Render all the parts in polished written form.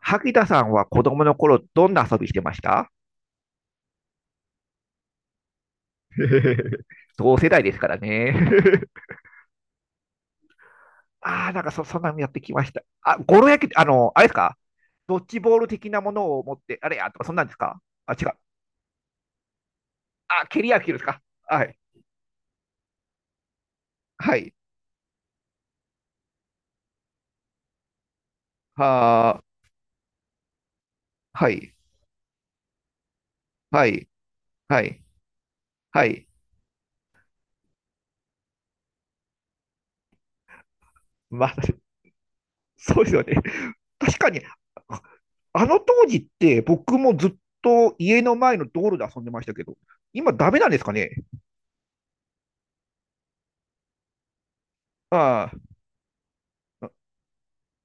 萩田さんは子供の頃、どんな遊びしてました？ 同世代ですからね。ああ、なんかそんなのやってきました。ゴロ焼き、あれですか？ドッジボール的なものを持って、あれや、とか、そんなんですかあ、違う。あ、蹴り野球ですか？はい。はい。はー。はい。はい。はい。はい。まあ、そうですよね。確かに、あ当時って僕もずっと家の前の道路で遊んでましたけど、今ダメなんですかね？ああ、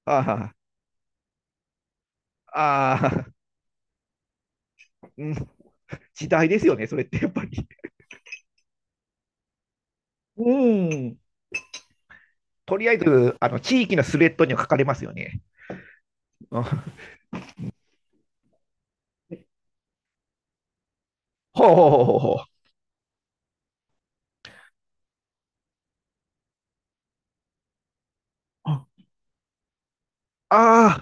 ああ、ああ、うん、時代ですよね、それってやっぱり。うん。とりあえず、あの地域のスレッドには書かれますよね。うん。ほうほうほうほうほう。ああ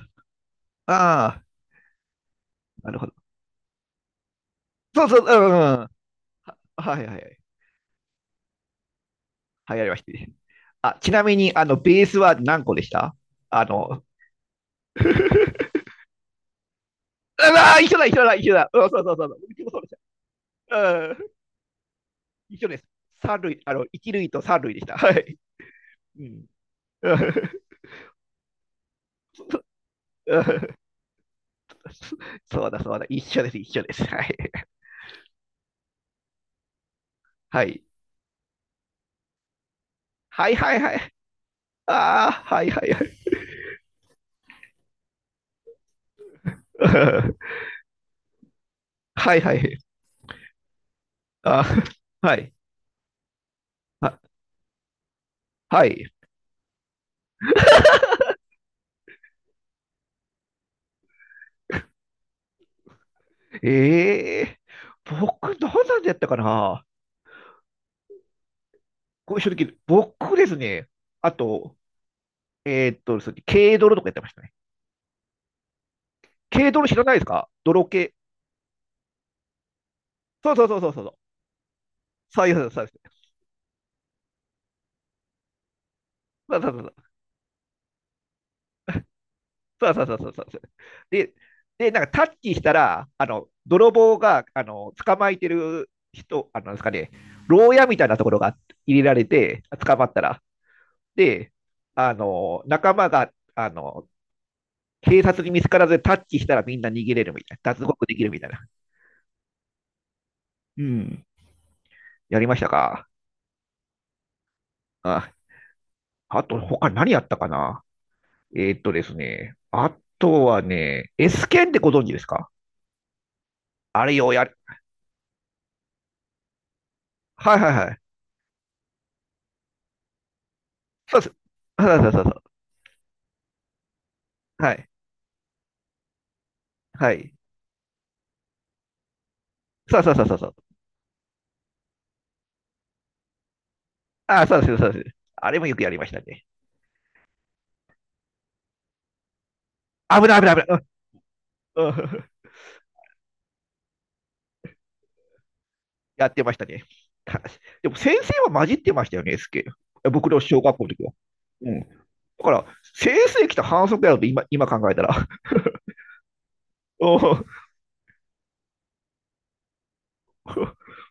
あー、あ、なるほど。そうそう、うん、うん。はいはいはい。はい、ありましたね。あ、ちなみに、ベースは何個でした？あの、うわー一緒だ、一緒だ、一緒だ。うん、そうそうそうそう。うちもそうでした。うん、一緒です。三類あの、一類と三類でした。はい。うんうん。 そうだ、そうだ。一緒です、一緒です。はい。はい。はいはいはい。ああ、はいはいはい。はいはい。あー、はい。あ、はい。ええー僕、どうなんでやったかな？ご正時僕ですね。あと、そう軽泥とかやってましたね。軽泥知らないですか？泥系。そうそうそうそうそう。そういうそうです。そうです。そうそうそうそうそうそう。で、で、なんかタッチしたら、泥棒が、捕まえてる人、なんですかね、牢屋みたいなところが入れられて、捕まったら。で、仲間が、警察に見つからずタッチしたらみんな逃げれるみたいな。脱獄できるみたいな。うん。やりましたか？あ、あと、他何やったかな？えーっとですね。あとはね、S 剣ってご存知ですか？あれよ、やる。はいはいはい。そうです。そうそうそうそう。はい。はい。そうそうそうそうそう。ああ、そうです、そうです。あれもよくやりましたね。危ない、危ない、危ない。うんうん。 やってましたね。かでも先生は混じってましたよね、SK。僕の小学校の時は。うん。だから、先生来た反則やろと今考えたら。うん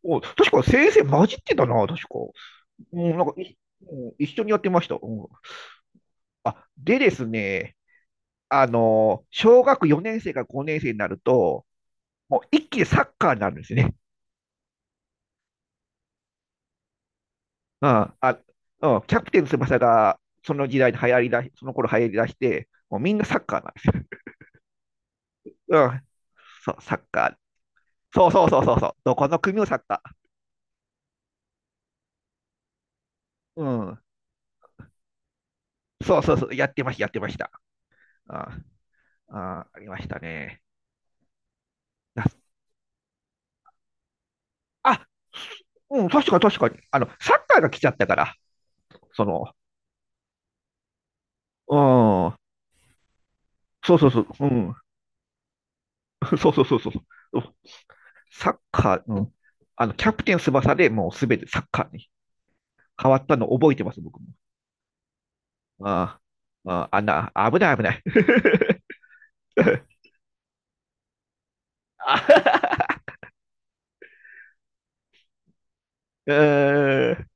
うん。確か先生混じってたな、確か。うん、なんかい、うん、一緒にやってました。うん、あ、でですね、小学4年生から5年生になると、もう一気にサッカーになるんですね。ああ、うん。キャプテン翼がその時代に流行りだし、その頃流行りだして、もうみんなサッカーなんですよ。うん、そう、サッカー。そうそうそうそうそう、どこの組もサッカー。うん、そうそうそう、やってました、やってました。ああ、ありましたね。なあ、うん、確かに確かに。サッカーが来ちゃったから、その、うん、そうそうそう、うん、そうそうそうそう、うん、サッカー、うん、キャプテン翼でもうすべてサッカーに変わったの覚えてます、僕も。ああ、ああ、あんな、危ない危ない。あ うーん、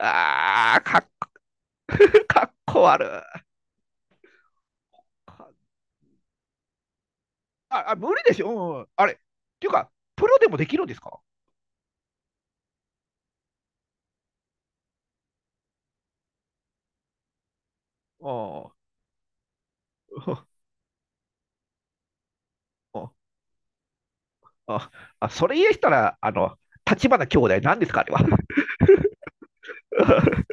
ああ、かっ、かっこ悪い。あ、あ、無理でしょ。うんあれ、っていうか、プロでもできるんですか？ああ、あ、あ、それ言えしたら、立花兄弟なんですか、あれは。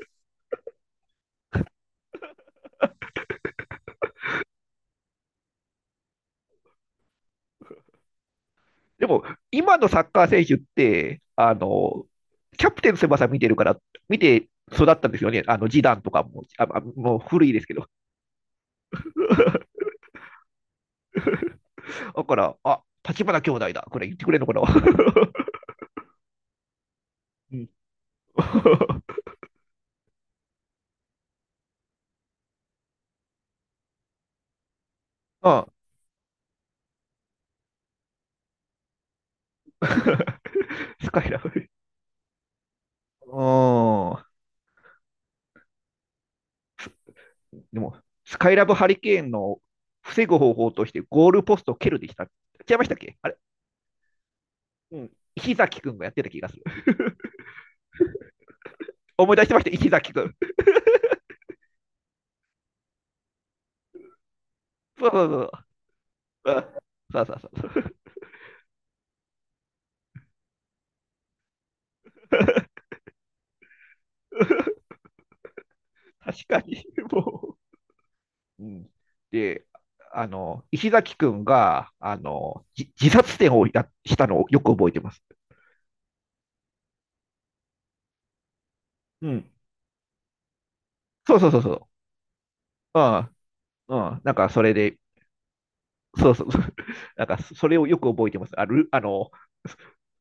でも、今のサッカー選手って、キャプテン翼見てるから、見て育ったんですよね。ジダンとかも、もう古いですけど。だから、あ、立花兄弟だ。これ言ってくれるのかな？ うん あ スカイラブ。うん。でも、スカイラブハリケーンの防ぐ方法としてゴールポストを蹴るでした。違いましたっけ？あれ？うん。石崎くんがやってた気がする。思い出してました、石崎くん。そうそうそう。うん、そうそうそう。確かに、もう。うん、で、石崎くんが、自殺点をやしたのをよく覚えてます。うん。そうそうそうそう。ああ、うん。なんかそれで、そうそうそう。なんかそれをよく覚えてます。ある、あの、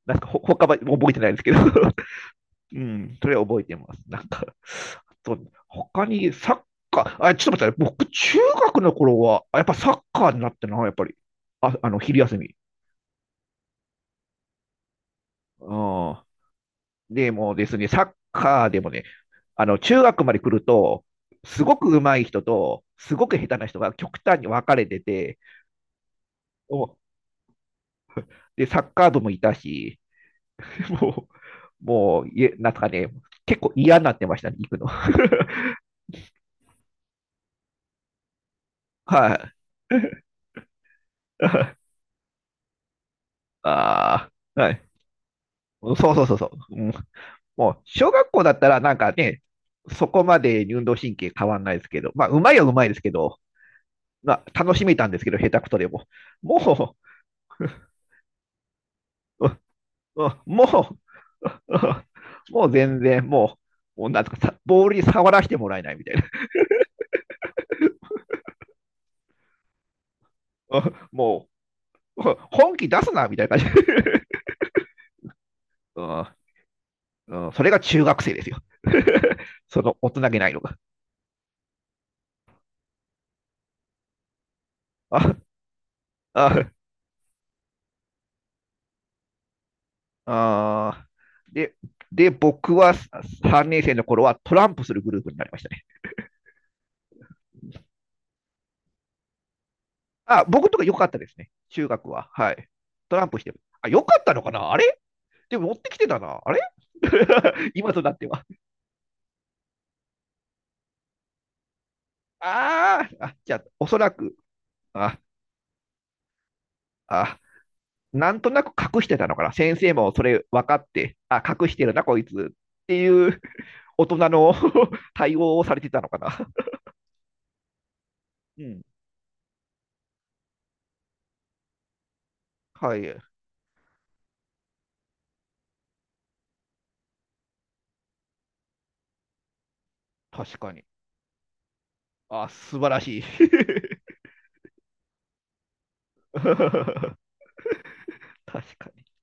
なんか他は覚えてないんですけど、うん、それは覚えてます。なんか、あと、他にサッカー、あ、ちょっと待って、僕、中学の頃は、やっぱサッカーになってな、やっぱり。あ、昼休み。うん。でもですね、サッカーでもね、中学まで来ると、すごく上手い人と、すごく下手な人が極端に分かれてて、おで、サッカー部もいたし、もう、もう、なんかね、結構嫌になってましたね、行くの。はい。ああ、はい。そうそうそうそう。うん、もう、小学校だったらなんかね、そこまで運動神経変わんないですけど、まあ、うまいはうまいですけど、まあ、楽しめたんですけど、下手くそでも。もう、もう、もう全然、もう、もうなんとかさ、ボールに触らせてもらえないみたいな。も 本気出すな、みたいな感じ。うんうん、それが中学生ですよ その大人げないのが。あああでで、僕は3年生の頃はトランプするグループになりましたね。僕とか良かったですね、中学は。はい。トランプしてる。あ、良かったのかな？あれ？でも持ってきてたな。あれ 今となっては。ああ、じゃあ、おそらく、あ、あ、なんとなく隠してたのかな。先生もそれ分かって、あ、隠してるな、こいつっていう 大人の 対応をされてたのかな。うん。はい、確かに。あ、素晴らしい。確かに。